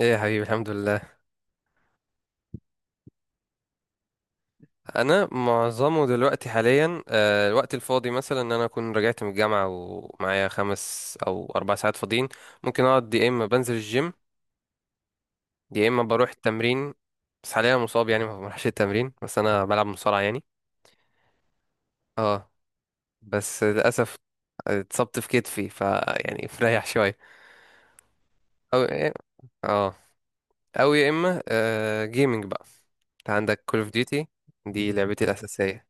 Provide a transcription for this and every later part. ايه يا حبيبي، الحمد لله. انا معظمه دلوقتي حاليا الوقت الفاضي مثلا ان انا اكون رجعت من الجامعه ومعايا خمس او اربع ساعات فاضيين. ممكن اقعد يا اما بنزل الجيم، يا اما بروح التمرين. بس حاليا مصاب يعني ما بروحش التمرين، بس انا بلعب مصارعه يعني. اه بس للاسف اتصبت في كتفي ف يعني فريح شويه. او إيه، اه، او يا اما جيمنج بقى. انت عندك كول اوف ديوتي؟ دي لعبتي الاساسيه.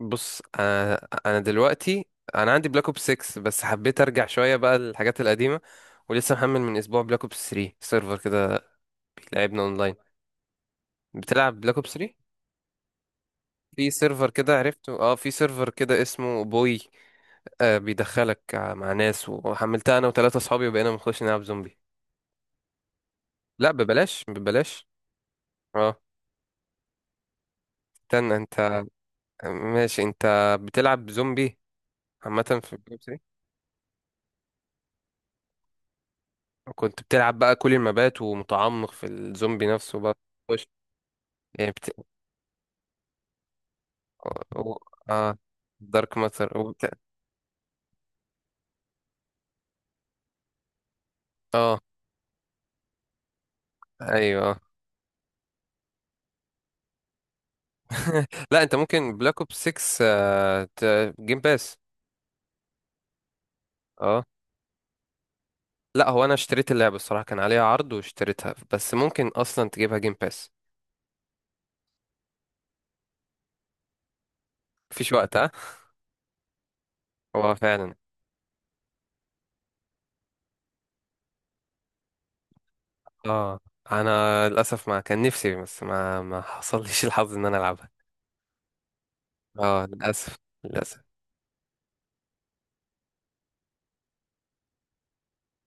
بص، انا دلوقتي انا عندي بلاك اوبس 6، بس حبيت ارجع شويه بقى للحاجات القديمه. ولسه محمل من اسبوع بلاك اوبس 3 سيرفر كده بيلعبنا اونلاين. بتلعب بلاك اوبس 3؟ في سيرفر كده عرفته، اه في سيرفر كده اسمه بوي. آه، بيدخلك مع ناس، وحملتها انا وثلاثه اصحابي وبقينا بنخش نلعب زومبي. لا، ببلاش ببلاش. اه، استنى انت. ماشي انت بتلعب زومبي عامه في بلاك اوبس 3؟ كنت بتلعب بقى كل المبات ومتعمق في الزومبي نفسه بقى. يعني بت... و... اه، دارك ماتر وبت... اه ايوه آه. لا انت ممكن بلاك اوب 6 ت... جيم باس. اه. لا هو انا اشتريت اللعبه الصراحه كان عليها عرض واشتريتها، بس ممكن اصلا تجيبها جيم باس. مفيش وقت ها؟ هو فعلا. اه انا للاسف ما كان نفسي، بس ما حصلليش الحظ ان انا العبها. اه للاسف. للاسف.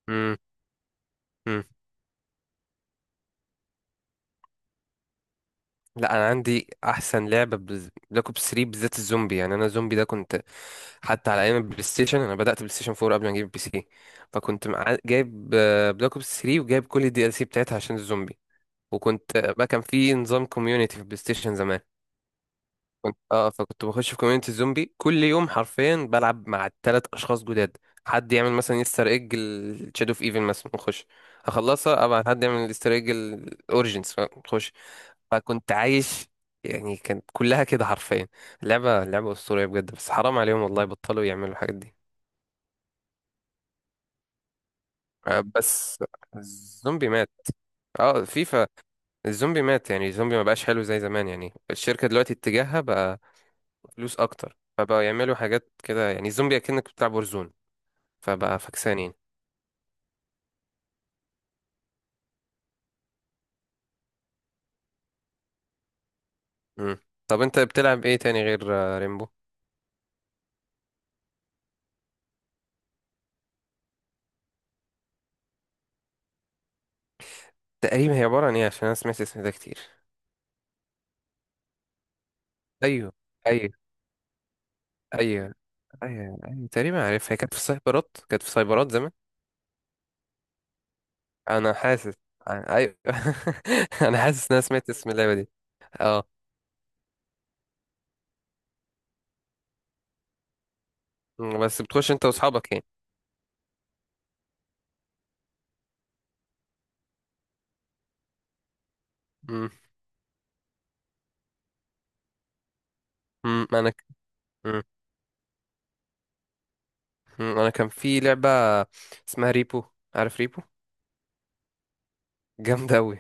امم، لا انا عندي احسن لعبه بلاك اوبس 3، بالذات الزومبي. يعني انا زومبي ده كنت حتى على ايام البلاي ستيشن. انا بدات بلاي ستيشن 4 قبل ما اجيب بي سي. فكنت مع... جايب بلاك اوبس 3 وجايب كل الدي ال سي بتاعتها عشان الزومبي. وكنت بقى كان في نظام كوميونيتي في البلاي ستيشن زمان. كنت اه فكنت بخش في كوميونيتي الزومبي كل يوم حرفيا بلعب مع ثلاث اشخاص جداد. حد يعمل مثلا يستر ايج الشادو اوف ايفل مثلا نخش اخلصها، ابعت حد يعمل الاستر ايج الاوريجينز نخش. فكنت عايش يعني، كانت كلها كده حرفيا. لعبة لعبة أسطورية بجد، بس حرام عليهم والله بطلوا يعملوا الحاجات دي. بس الزومبي مات. اه فيفا. الزومبي مات، يعني الزومبي ما بقاش حلو زي زمان. يعني الشركة دلوقتي اتجاهها بقى فلوس أكتر، فبقوا يعملوا حاجات كده يعني الزومبي أكنك بتلعب ورزون. فبقى فكسان يعني. مم. طب أنت بتلعب إيه تاني غير ريمبو؟ تقريبا هي عبارة عن إيه؟ عشان أنا سمعت اسم ده كتير. أيوه، أيوه، أيوه، أيوه، أيوه، تقريبا عارفها. هي كانت في السايبرات، كانت في سايبرات زمان. انا حاسس، ايوه انا حاسس ان انا سمعت اسم اللعبه دي. اه. مم، بس بتخش انت واصحابك يعني. مم، مم، انا ك- مم، مم، انا كان في لعبه اسمها ريبو. عارف ريبو؟ جامده قوي.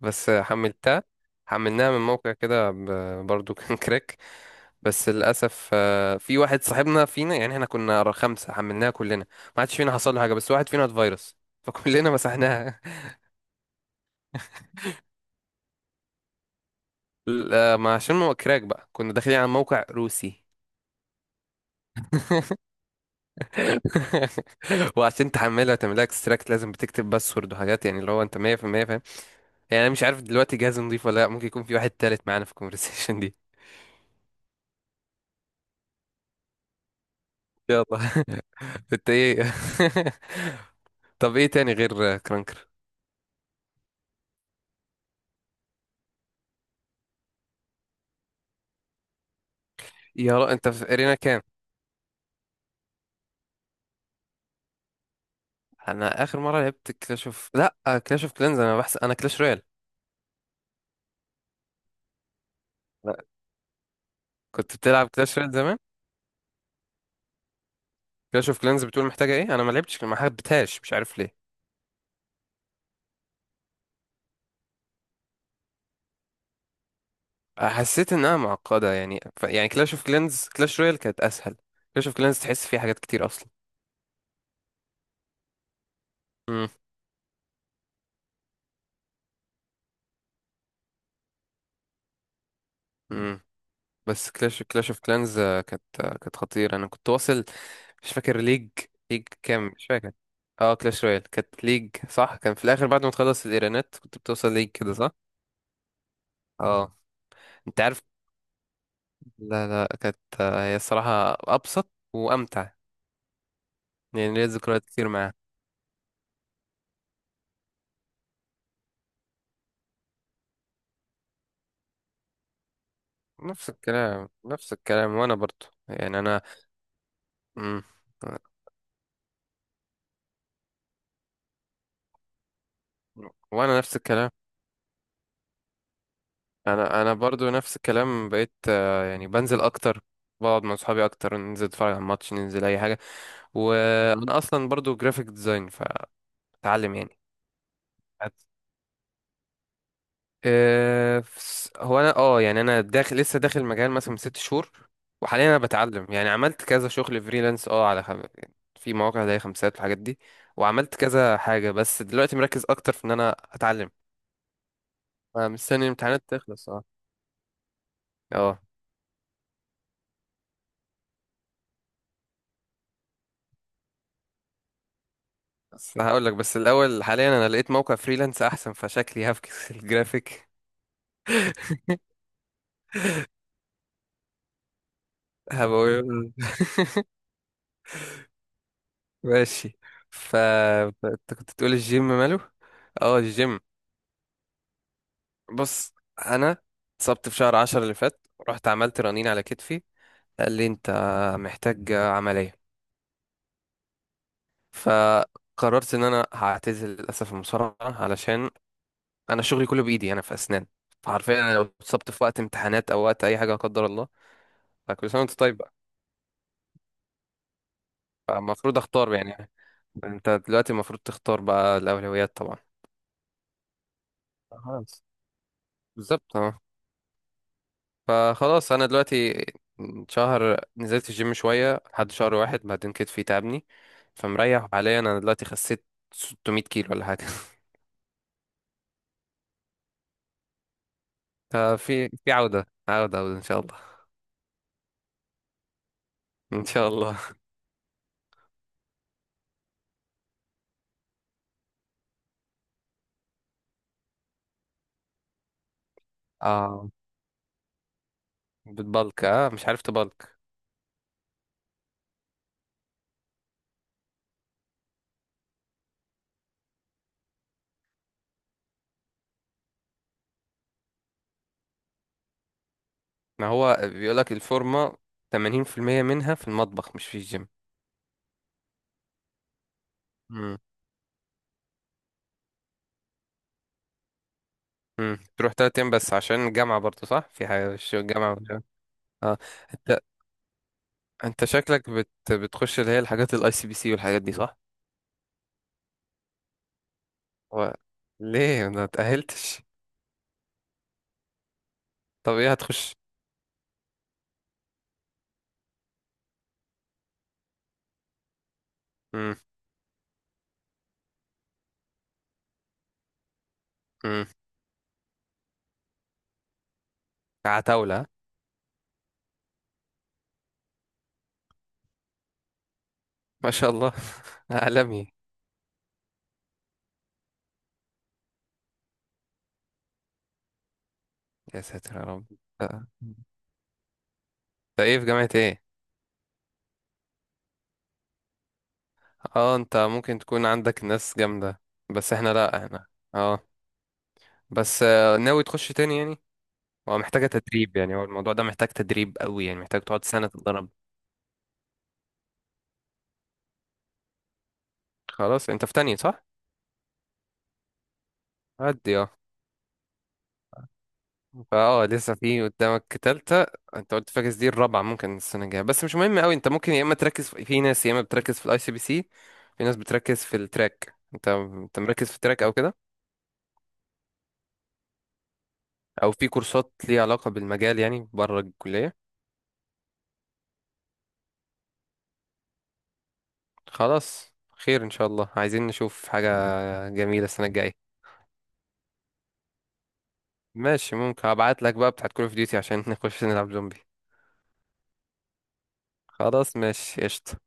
بس حملتها، حملناها من موقع كده ب- برضو كان كراك. بس للاسف في واحد صاحبنا فينا، يعني احنا كنا خمسه حملناها كلنا، ما حدش فينا حصل له حاجه بس واحد فينا اتفيرس. فكلنا مسحناها. لا، ما عشان هو كراك بقى كنا داخلين على موقع روسي. وعشان تحملها وتعملها اكستراكت لازم بتكتب باسورد وحاجات، يعني اللي هو انت 100% فاهم. يعني انا مش عارف دلوقتي جهاز نضيف ولا لا، ممكن يكون في واحد تالت معانا في الكونفرسيشن دي. يلا انت ايه طب ايه تاني غير كرانكر؟ يا را انت في ارينا كام؟ انا اخر مره لعبت كلاش اوف، لا، كلاش اوف كلانز. انا بحس انا كلاش رويال. لا، كنت بتلعب كلاش رويال زمان. كلاش اوف كلانز بتقول محتاجه ايه؟ انا ما لعبتش، ما حبيتهاش، مش عارف. حسيت انها معقده يعني ف... يعني كلاش اوف كلانز، كلاش رويال كانت اسهل. كلاش اوف كلانز تحس فيها حاجات كتير اصلا. امم. امم. بس كلاش اوف كلانز كانت كانت خطيره. انا كنت واصل، مش فاكر ليج، ليج كام مش فاكر. اه كلاش رويال كانت ليج صح، كان في الاخر بعد ما تخلص الايرانات كنت بتوصل ليج كده صح. اه. انت عارف، لا لا، كانت هي الصراحه ابسط وامتع. يعني ليا ذكريات كتير معاها. نفس الكلام، نفس الكلام، وانا برضو يعني انا. مم. وانا نفس الكلام، انا برضو نفس الكلام. بقيت يعني بنزل اكتر، بقعد مع صحابي اكتر، ننزل نتفرج على الماتش، ننزل اي حاجه. وانا اصلا برضو جرافيك ديزاين. فاتعلم يعني. فس- هو انا اه، يعني انا داخل، لسه داخل المجال مثلا من ست شهور. وحاليا انا بتعلم، يعني عملت كذا شغل فريلانس اه على خم... في مواقع زي خمسات والحاجات دي. وعملت كذا حاجه، بس دلوقتي مركز اكتر في ان انا اتعلم. أنا مستني الامتحانات تخلص. اه. اه بس انا هقول لك بس الاول، حاليا انا لقيت موقع فريلانس احسن فشكلي هفكس الجرافيك. هبقول. ماشي. ف انت كنت تقول الجيم ماله. اه الجيم. بص، انا اتصبت في شهر عشرة اللي فات، رحت عملت رنين على كتفي، قال لي انت محتاج عملية. فقررت ان انا هعتزل للاسف المصارعة، علشان انا شغلي كله بايدي، انا في اسنان. فحرفيا انا لو اتصبت في وقت امتحانات او وقت اي حاجة لا قدر الله. فكل سنة وانت طيب. المفروض اختار يعني، انت دلوقتي المفروض تختار بقى الاولويات طبعا. خلاص، بالظبط اه. فخلاص انا دلوقتي شهر نزلت الجيم شويه لحد شهر واحد، بعدين كتفي تعبني. فمريح حاليا. انا دلوقتي خسيت 600 كيلو ولا حاجه ففي في عوده، عوده، عوده ان شاء الله. ان شاء الله. اه بتبلك؟ اه مش عارف تبلك. ما هو بيقولك الفورمه 80% منها في المطبخ مش في الجيم. امم، تروح تلات ايام بس عشان الجامعة؟ برضه صح، في حاجة في الجامعة ولا- اه انت، انت شكلك بت... بتخش اللي هي الحاجات الاي سي بي سي والحاجات دي صح؟ و... ليه ما تأهلتش؟ طب ايه هتخش؟ امم. امم. عتاولة ها؟ ما شاء الله. عالمي. يا ساتر يا رب. آه. انت ايه، في جامعة ايه؟ اه انت ممكن تكون عندك ناس جامدة، بس احنا لا، احنا اه. بس ناوي تخش تاني يعني؟ هو محتاجة تدريب، يعني هو الموضوع ده محتاج تدريب قوي، يعني محتاج تقعد سنة تتدرب. خلاص انت في تانية صح؟ عدي اه. فاه لسه في قدامك تالتة. انت قلت فاكس دي الرابعة ممكن السنة الجاية. بس مش مهم قوي، انت ممكن يا اما تركز في, في ناس يا اما بتركز في الاي سي بي سي، في ناس بتركز في التراك. انت انت مركز في التراك او كده، او في كورسات ليها علاقة بالمجال يعني بره الكلية. خلاص، خير ان شاء الله. عايزين نشوف حاجة جميلة السنة الجاية. ماشي، ممكن هبعت لك بقى بتاعت كول اوف ديوتي عشان نخش نلعب زومبي. خلاص ماشي، قشطة.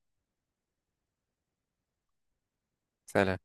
سلام.